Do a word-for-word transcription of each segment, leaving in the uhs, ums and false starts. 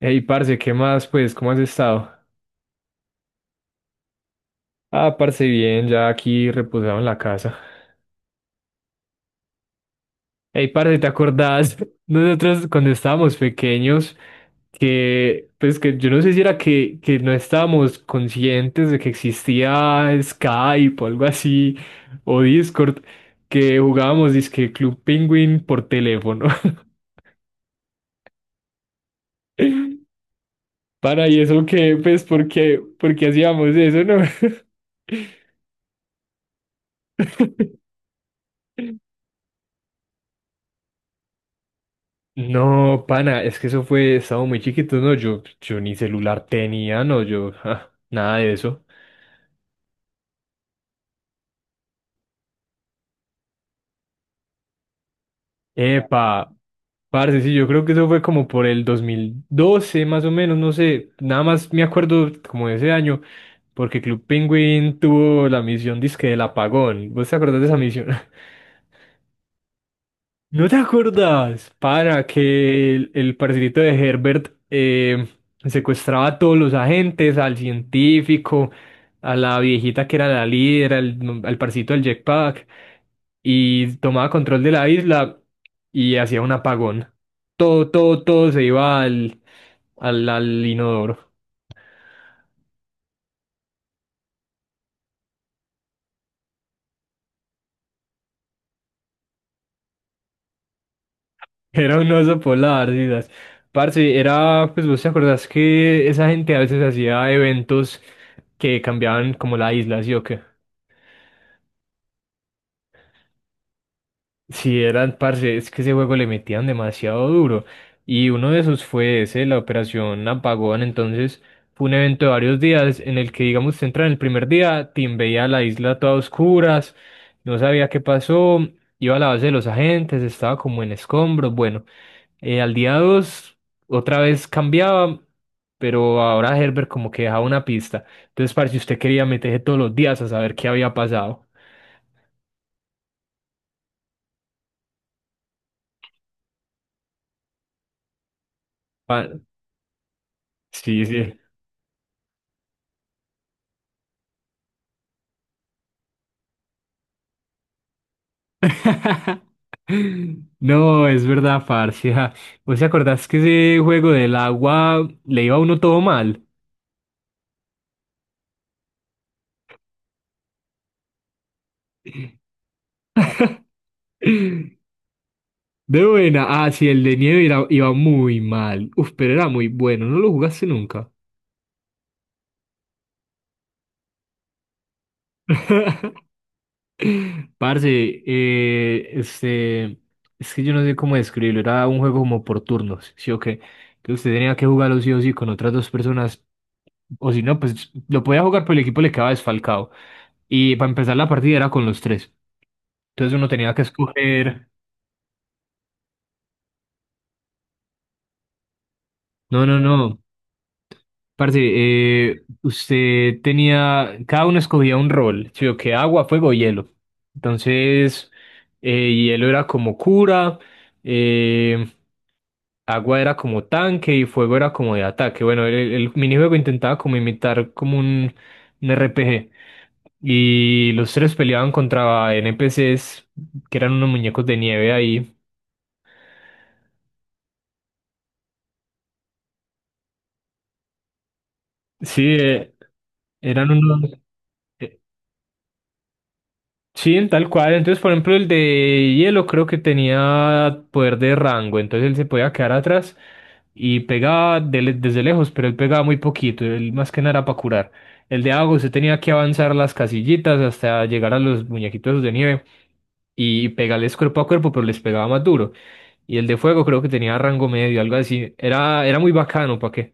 Hey, parce, ¿qué más? Pues, ¿cómo has estado? Ah, parce, bien, ya aquí reposado en la casa. Hey, parce, ¿te acordás? Nosotros cuando estábamos pequeños, que, pues, que yo no sé si era que, que no estábamos conscientes de que existía Skype o algo así, o Discord, que jugábamos disque Club Penguin por teléfono. Para, y eso que, pues, ¿por qué, por qué hacíamos eso, no? No, pana, es que eso fue, estaba muy chiquito, no, yo, yo ni celular tenía, no, yo, ja, nada de eso. Epa, parce, sí, yo creo que eso fue como por el dos mil doce, más o menos, no sé, nada más me acuerdo como de ese año, porque Club Penguin tuvo la misión disque del apagón, ¿vos te acordás de esa misión? ¿No te acuerdas, para que el, el parcerito de Herbert, eh, secuestraba a todos los agentes, al científico, a la viejita que era la líder, al, al parcito del jetpack, y tomaba control de la isla y hacía un apagón? Todo, todo, todo se iba al, al, al inodoro. Era un oso polar, Didas. Parce, era, pues vos te acordás que esa gente a veces hacía eventos que cambiaban como la isla, ¿sí o qué? Sí, eran, parce, es que ese juego le metían demasiado duro. Y uno de esos fue ese, la operación Apagón. Entonces, fue un evento de varios días en el que, digamos, usted entra en el primer día, Tim veía la isla toda a oscuras, no sabía qué pasó, iba a la base de los agentes, estaba como en escombros. Bueno, eh, al día dos, otra vez cambiaba, pero ahora Herbert como que dejaba una pista. Entonces, parce, usted quería meterse todos los días a saber qué había pasado. Pa- sí, sí. No, es verdad, parce. Ja. ¿Vos te acordás que ese juego del agua le iba a uno todo mal? De buena. Ah, sí, el de nieve era- iba muy mal. Uf, pero era muy bueno. ¿No lo jugaste nunca? Parce, eh, este, es que yo no sé cómo describirlo. Era un juego como por turnos, ¿sí o qué? Que usted tenía que jugarlo sí o sí con otras dos personas. O si no, pues lo podía jugar, pero el equipo le quedaba desfalcado. Y para empezar la partida era con los tres. Entonces uno tenía que escoger. No, no, no. Parce, eh, usted tenía. Cada uno escogía un rol. ¿Sí? O que agua, fuego, hielo. Entonces, eh, hielo era como cura, eh, agua era como tanque y fuego era como de ataque. Bueno, el, el minijuego intentaba como imitar como un, un R P G. Y los tres peleaban contra N P Cs, que eran unos muñecos de nieve ahí. Sí, eh, eran unos. eh, Sí, tal cual. Entonces, por ejemplo, el de hielo creo que tenía poder de rango, entonces él se podía quedar atrás y pegaba de le- desde lejos, pero él pegaba muy poquito, él más que nada era para curar. El de agua se tenía que avanzar las casillitas hasta llegar a los muñequitos esos de nieve y pegarles cuerpo a cuerpo, pero les pegaba más duro. Y el de fuego creo que tenía rango medio, algo así. Era, era muy bacano, ¿para qué?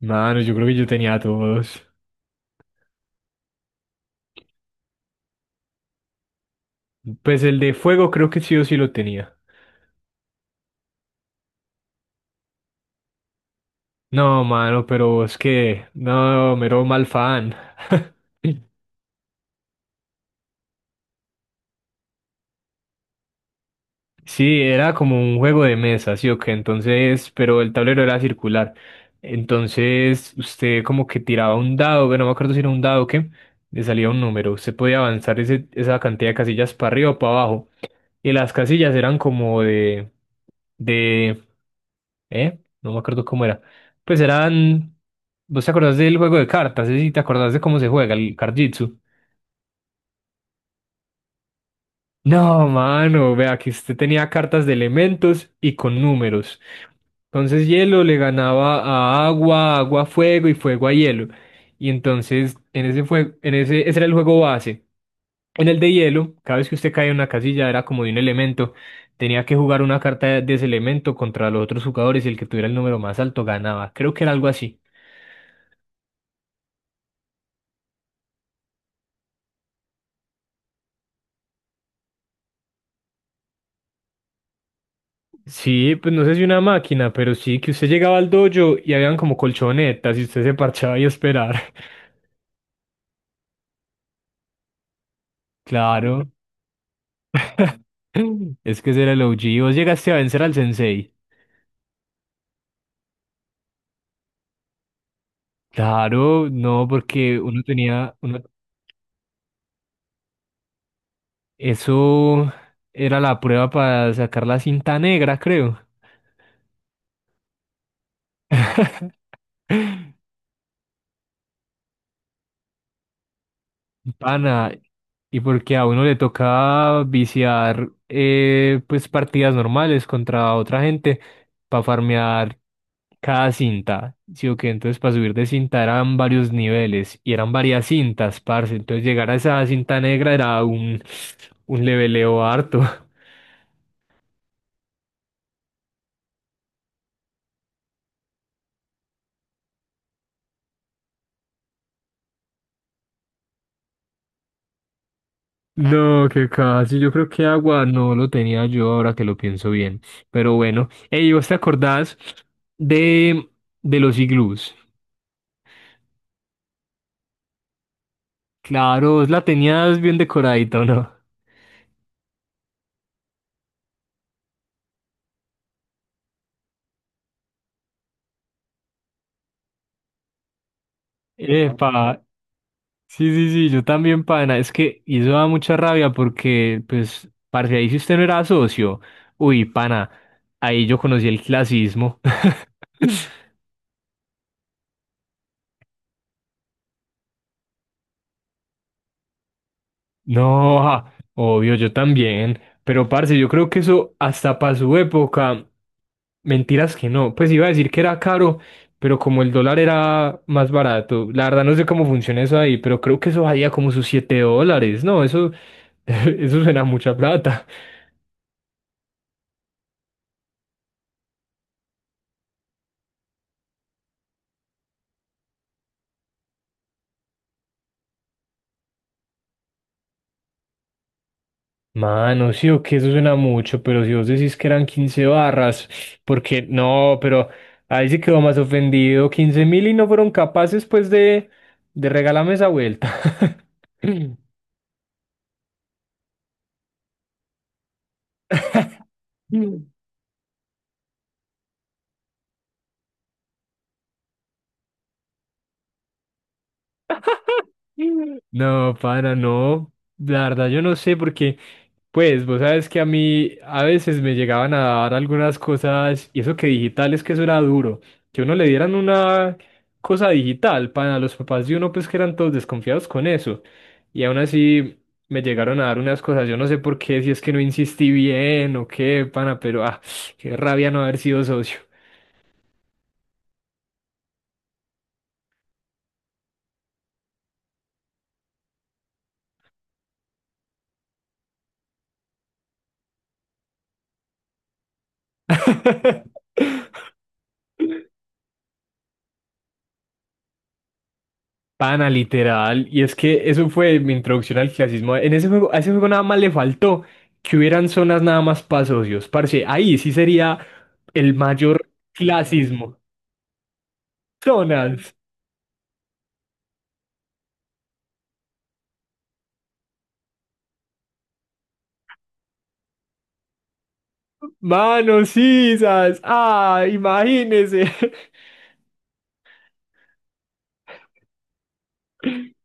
Mano, yo creo que yo tenía todos. Pues el de fuego creo que sí o sí lo tenía. No, mano, pero es que, no, mero mal fan. Sí, era como un juego de mesa, sí o qué, entonces, pero el tablero era circular. Entonces, usted como que tiraba un dado, bueno, no me acuerdo si era un dado o qué, le salía un número. Usted podía avanzar ese- esa cantidad de casillas para arriba o para abajo. Y las casillas eran como de, de, ¿eh? No me acuerdo cómo era. Pues eran, ¿vos te acordás del juego de cartas? Sí, sí, ¿te acordás de cómo se juega el Card Jitsu? No, mano, vea que usted tenía cartas de elementos y con números. Entonces hielo le ganaba a agua, agua a fuego y fuego a hielo. Y entonces en ese fue, en ese, ese era el juego base. En el de hielo, cada vez que usted caía en una casilla era como de un elemento. Tenía que jugar una carta de ese elemento contra los otros jugadores y el que tuviera el número más alto ganaba. Creo que era algo así. Sí, pues no sé si una máquina, pero sí que usted llegaba al dojo y habían como colchonetas y usted se parchaba y a esperar. Claro. Es que ese era el O G. ¿Vos llegaste a vencer al sensei? Claro, no, porque uno tenía... Uno... Eso era la prueba para sacar la cinta negra, creo. Pana, y porque a uno le toca viciar, eh, pues partidas normales contra otra gente para farmear cada cinta, ¿sí o qué? Entonces para subir de cinta eran varios niveles y eran varias cintas, parce. Entonces llegar a esa cinta negra era un, un leveleo harto. No, que casi, yo creo que agua no lo tenía yo ahora que lo pienso bien. Pero bueno, ey, ¿vos te acordás de, de los iglús? Claro, vos la tenías bien decoradita, ¿o no? Epa, sí, sí, sí, yo también, pana. Es que y eso da mucha rabia porque, pues, parce, ahí si usted no era socio, uy, pana, ahí yo conocí el clasismo. No, ah, obvio, yo también. Pero, parce, yo creo que eso hasta para su época, mentiras que no. Pues iba a decir que era caro, pero como el dólar era más barato, la verdad no sé cómo funciona eso ahí, pero creo que eso valía como sus siete dólares. No, eso, eso suena a mucha plata. Mano, sí o que eso suena mucho, pero si vos decís que eran quince barras, porque no, pero ahí sí quedó más ofendido, quince mil y no fueron capaces pues de, de regalarme esa vuelta. No, para, no, la verdad yo no sé porque pues vos sabes que a mí a veces me llegaban a dar algunas cosas, y eso que digital es que eso era duro, que uno le dieran una cosa digital para los papás de uno, pues que eran todos desconfiados con eso. Y aún así me llegaron a dar unas cosas, yo no sé por qué, si es que no insistí bien o qué, pana, pero ah, qué rabia no haber sido socio. Pana, literal. Y es que eso fue mi introducción al clasismo. En ese juego, a ese juego nada más le faltó que hubieran zonas nada más para socios. Parce, ahí sí sería el mayor clasismo. Zonas. Manos sisas. Ah, imagínese.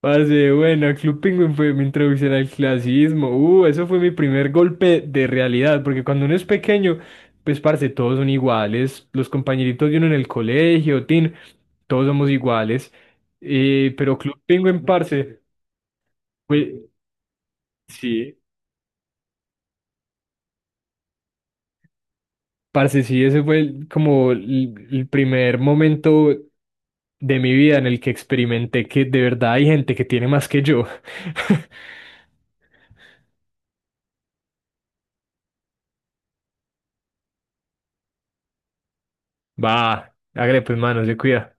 Parce, bueno, Club Penguin fue mi introducción al clasismo. Uh, eso fue mi primer golpe de realidad, porque cuando uno es pequeño, pues parce, todos son iguales. Los compañeritos de uno en el colegio, tin, todos somos iguales. Eh, pero Club Penguin, parce, fue, sí, parce, sí, ese fue el- como el el primer momento de mi vida en el que experimenté que de verdad hay gente que tiene más que yo. Va, hágale pues, mano, se cuida.